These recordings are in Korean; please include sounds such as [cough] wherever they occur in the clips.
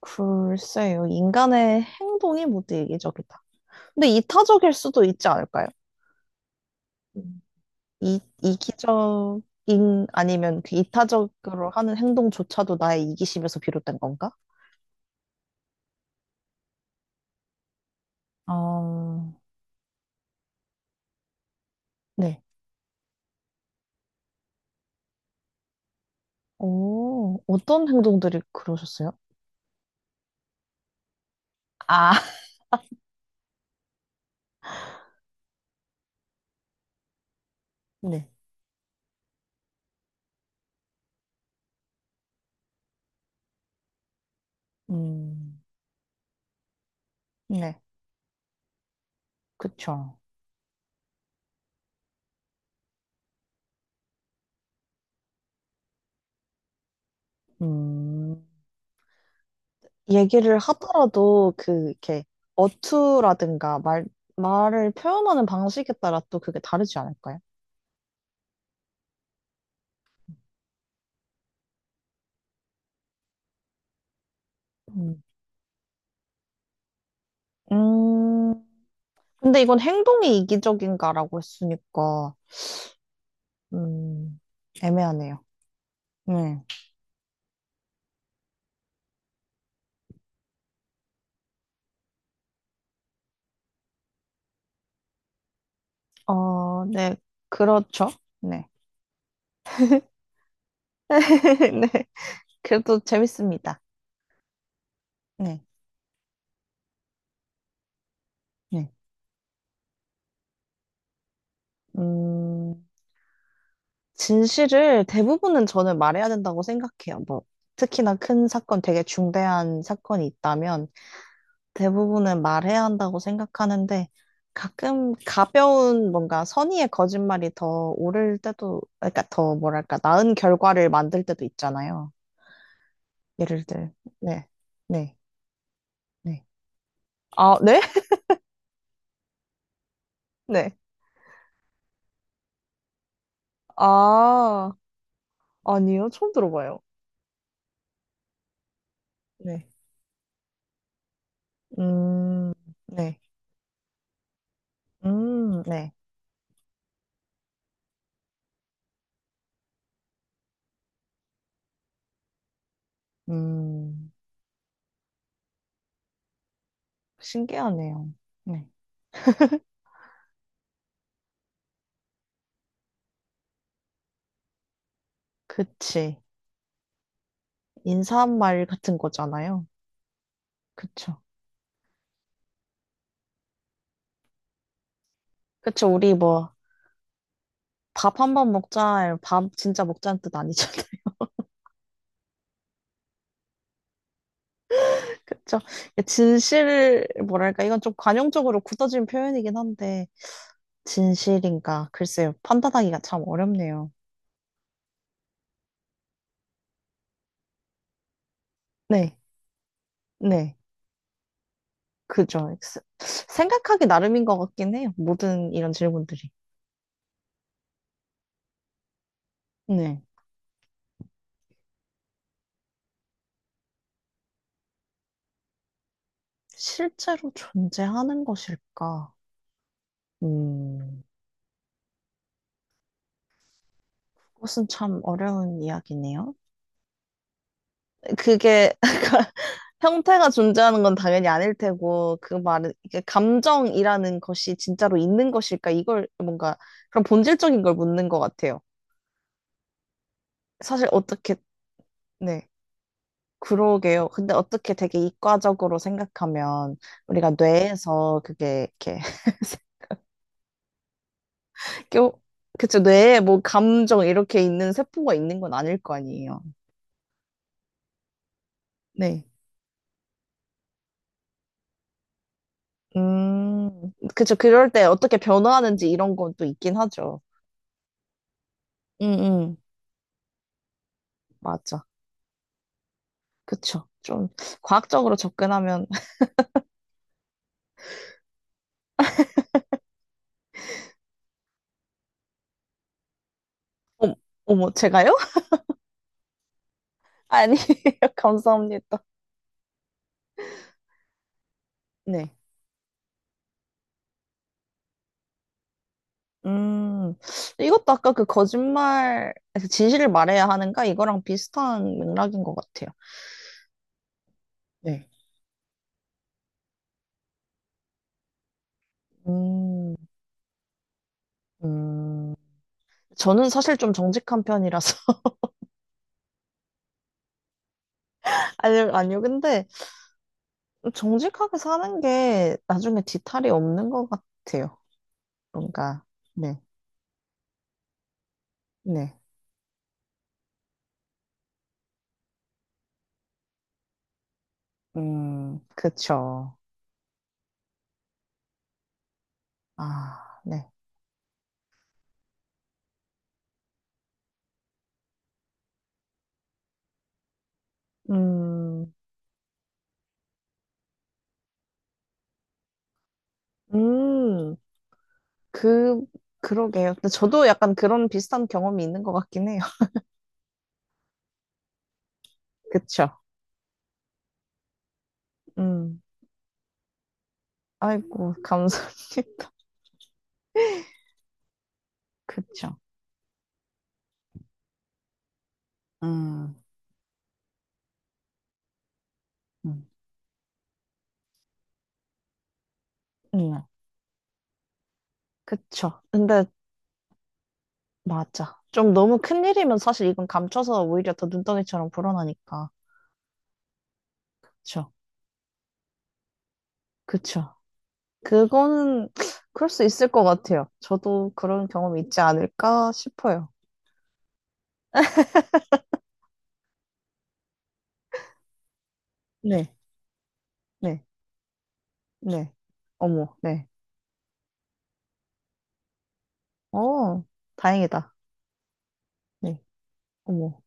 글쎄요. 인간의 행동이 모두 이기적이다. 근데 이타적일 수도 있지 않을까요? 음. 이기적인 아니면 그 이타적으로 하는 행동조차도 나의 이기심에서 비롯된 건가? 어, 네. 오, 어떤 행동들이 그러셨어요? 아, [laughs] 네. 음, 네. 그쵸. 음, 얘기를 하더라도 그 이렇게 어투라든가 말 말을 표현하는 방식에 따라 또 그게 다르지 않을까요? 음. 음, 근데 이건 행동이 이기적인가라고 했으니까, 음, 애매하네요. 네. 어, 네, 그렇죠. [laughs] 네. 네, 그래도 재밌습니다. 네. 네. 음, 진실을 대부분은 저는 말해야 된다고 생각해요. 뭐, 특히나 큰 사건, 되게 중대한 사건이 있다면, 대부분은 말해야 한다고 생각하는데 가끔 가벼운 뭔가 선의의 거짓말이 더 옳을 때도 그러니까 더 뭐랄까 나은 결과를 만들 때도 있잖아요. 예를 들 네. 네. 네. 아, 네? [laughs] 네. 아, 아니요. 처음 들어봐요. 네. 음. 네. 음. 네. 음. 신기하네요. 네. 그치. 인사말 같은 거잖아요. 그쵸. 그쵸. 우리 뭐 밥 한 번 먹자, 밥 진짜 먹자는 뜻 아니잖아요. [laughs] 그쵸? 진실, 뭐랄까, 이건 좀 관용적으로 굳어진 표현이긴 한데, 진실인가? 글쎄요, 판단하기가 참 어렵네요. 네, 네, 그죠. 생각하기 나름인 것 같긴 해요. 모든 이런 질문들이. 네. 실제로 존재하는 것일까? 음, 그것은 참 어려운 이야기네요. 그게 형태가 존재하는 건 당연히 아닐 테고, 그 말은, 이게 감정이라는 것이 진짜로 있는 것일까? 이걸 뭔가, 그런 본질적인 걸 묻는 것 같아요. 사실 어떻게, 네, 그러게요. 근데 어떻게 되게 이과적으로 생각하면, 우리가 뇌에서 그게 이렇게, [laughs] 껴, 그쵸, 뇌에 뭐 감정 이렇게 있는 세포가 있는 건 아닐 거 아니에요. 네. 그쵸, 그럴 때 어떻게 변화하는지 이런 건 또 있긴 하죠. 응, 응, 맞아. 그쵸. 좀 과학적으로 접근하면, [laughs] 어, 어머, 제가요? [laughs] 아니에요. [laughs] 감사합니다. 네. 음, 이것도 아까 그 거짓말, 그 진실을 말해야 하는가? 이거랑 비슷한 맥락인 것 같아요. 네. 음, 음, 저는 사실 좀 정직한 편이라서. [laughs] 아니요, 아니요. 근데 정직하게 사는 게 나중에 뒤탈이 없는 것 같아요. 뭔가, 네, 네. 그쵸. 아, 네. 음. 음, 그, 그러게요. 근데 저도 약간 그런 비슷한 경험이 있는 것 같긴 해요. [laughs] 그쵸? 음, 아이고, 감사님. [laughs] 그쵸. 음, 음, 음, 그쵸. 근데, 맞아. 좀 너무 큰일이면 사실 이건 감춰서 오히려 더 눈덩이처럼 불어나니까. 그쵸. 그쵸. 그거는, [sniffs] 그럴 수 있을 것 같아요. 저도 그런 경험이 있지 않을까 싶어요. 네. 네, 네. 어머, 네. 어, 다행이다. 네, 어머.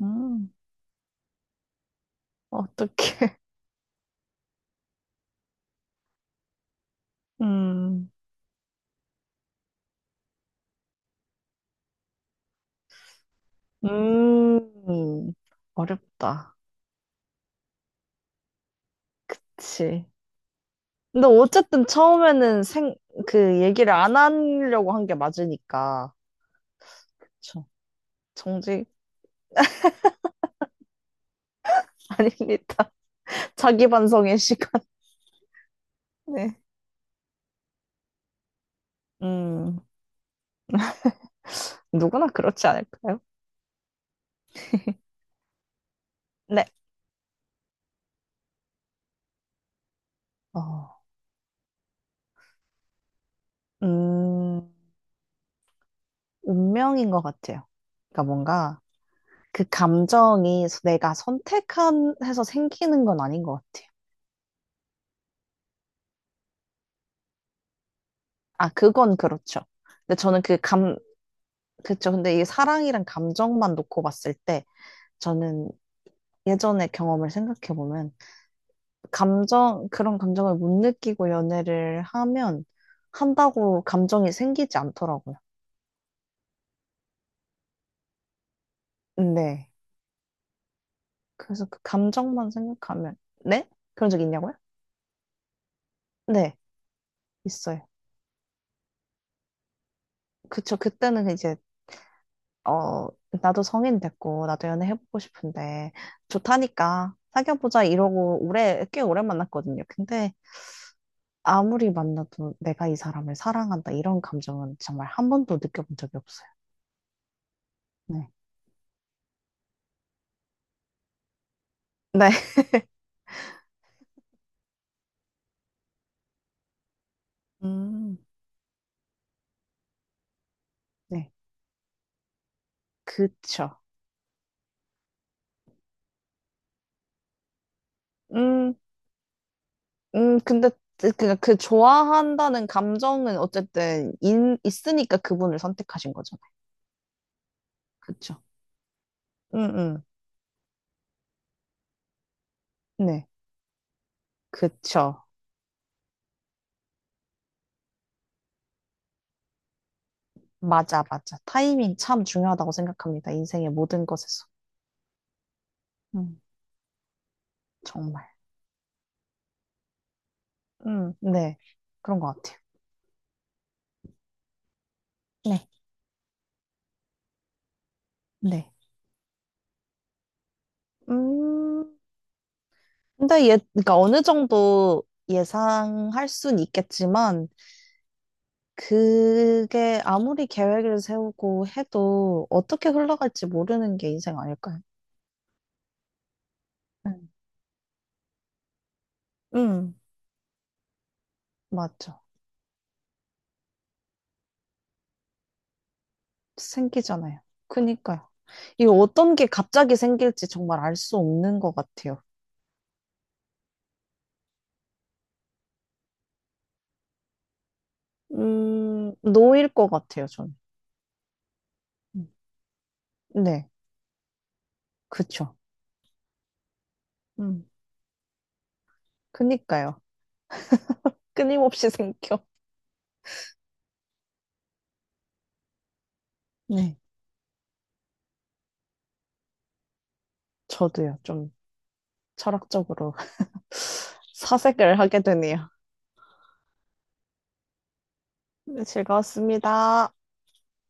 음. 어떡해. [laughs] 음, 음, 어렵다. 그치. 근데 어쨌든 처음에는 그 얘기를 안 하려고 한 게 맞으니까. 그쵸. 정직 [laughs] 아닙니다. 자기 반성의 시간. [laughs] 네. 음, 누구나 그렇지 않을까요? [laughs] 네. 어, 음, 운명인 것 같아요. 그러니까 뭔가 그 감정이 내가 선택한 해서 생기는 건 아닌 것 같아요. 아, 그건 그렇죠. 근데 저는 그 감, 그쵸. 근데 이게 사랑이란 감정만 놓고 봤을 때 저는 예전의 경험을 생각해보면 감정, 그런 감정을 못 느끼고 연애를 하면 한다고 감정이 생기지 않더라고요. 네. 그래서 그 감정만 생각하면 네? 그런 적 있냐고요? 네, 있어요. 그쵸. 그때는 이제 어, 나도 성인 됐고 나도 연애해보고 싶은데 좋다니까 사귀어보자 이러고 오래 꽤 오래 만났거든요. 근데 아무리 만나도 내가 이 사람을 사랑한다 이런 감정은 정말 한 번도 느껴본 적이 없어요. 네. 네. [laughs] 음, 네. 그쵸. 음, 근데 그 좋아한다는 감정은 어쨌든 있으니까 그분을 선택하신 거잖아요. 그쵸. 음, 네. 그쵸. 맞아, 맞아. 타이밍 참 중요하다고 생각합니다. 인생의 모든 것에서. 음, 정말. 네. 그런 것 같아요. 네. 네. 음. 근데 예, 그러니까 어느 정도 예상할 순 있겠지만, 그게 아무리 계획을 세우고 해도 어떻게 흘러갈지 모르는 게 인생 아닐까요? 음. 음, 맞죠. 생기잖아요. 그니까요. 이 어떤 게 갑자기 생길지 정말 알 수 없는 것 같아요. 노일 것 같아요, 저는. 음. 네, 그쵸. 음, 그니까요. 끊임없이 [laughs] 생겨. 네, 저도요. 좀 철학적으로. 사색을 하게 되네요. 네, 즐거웠습니다.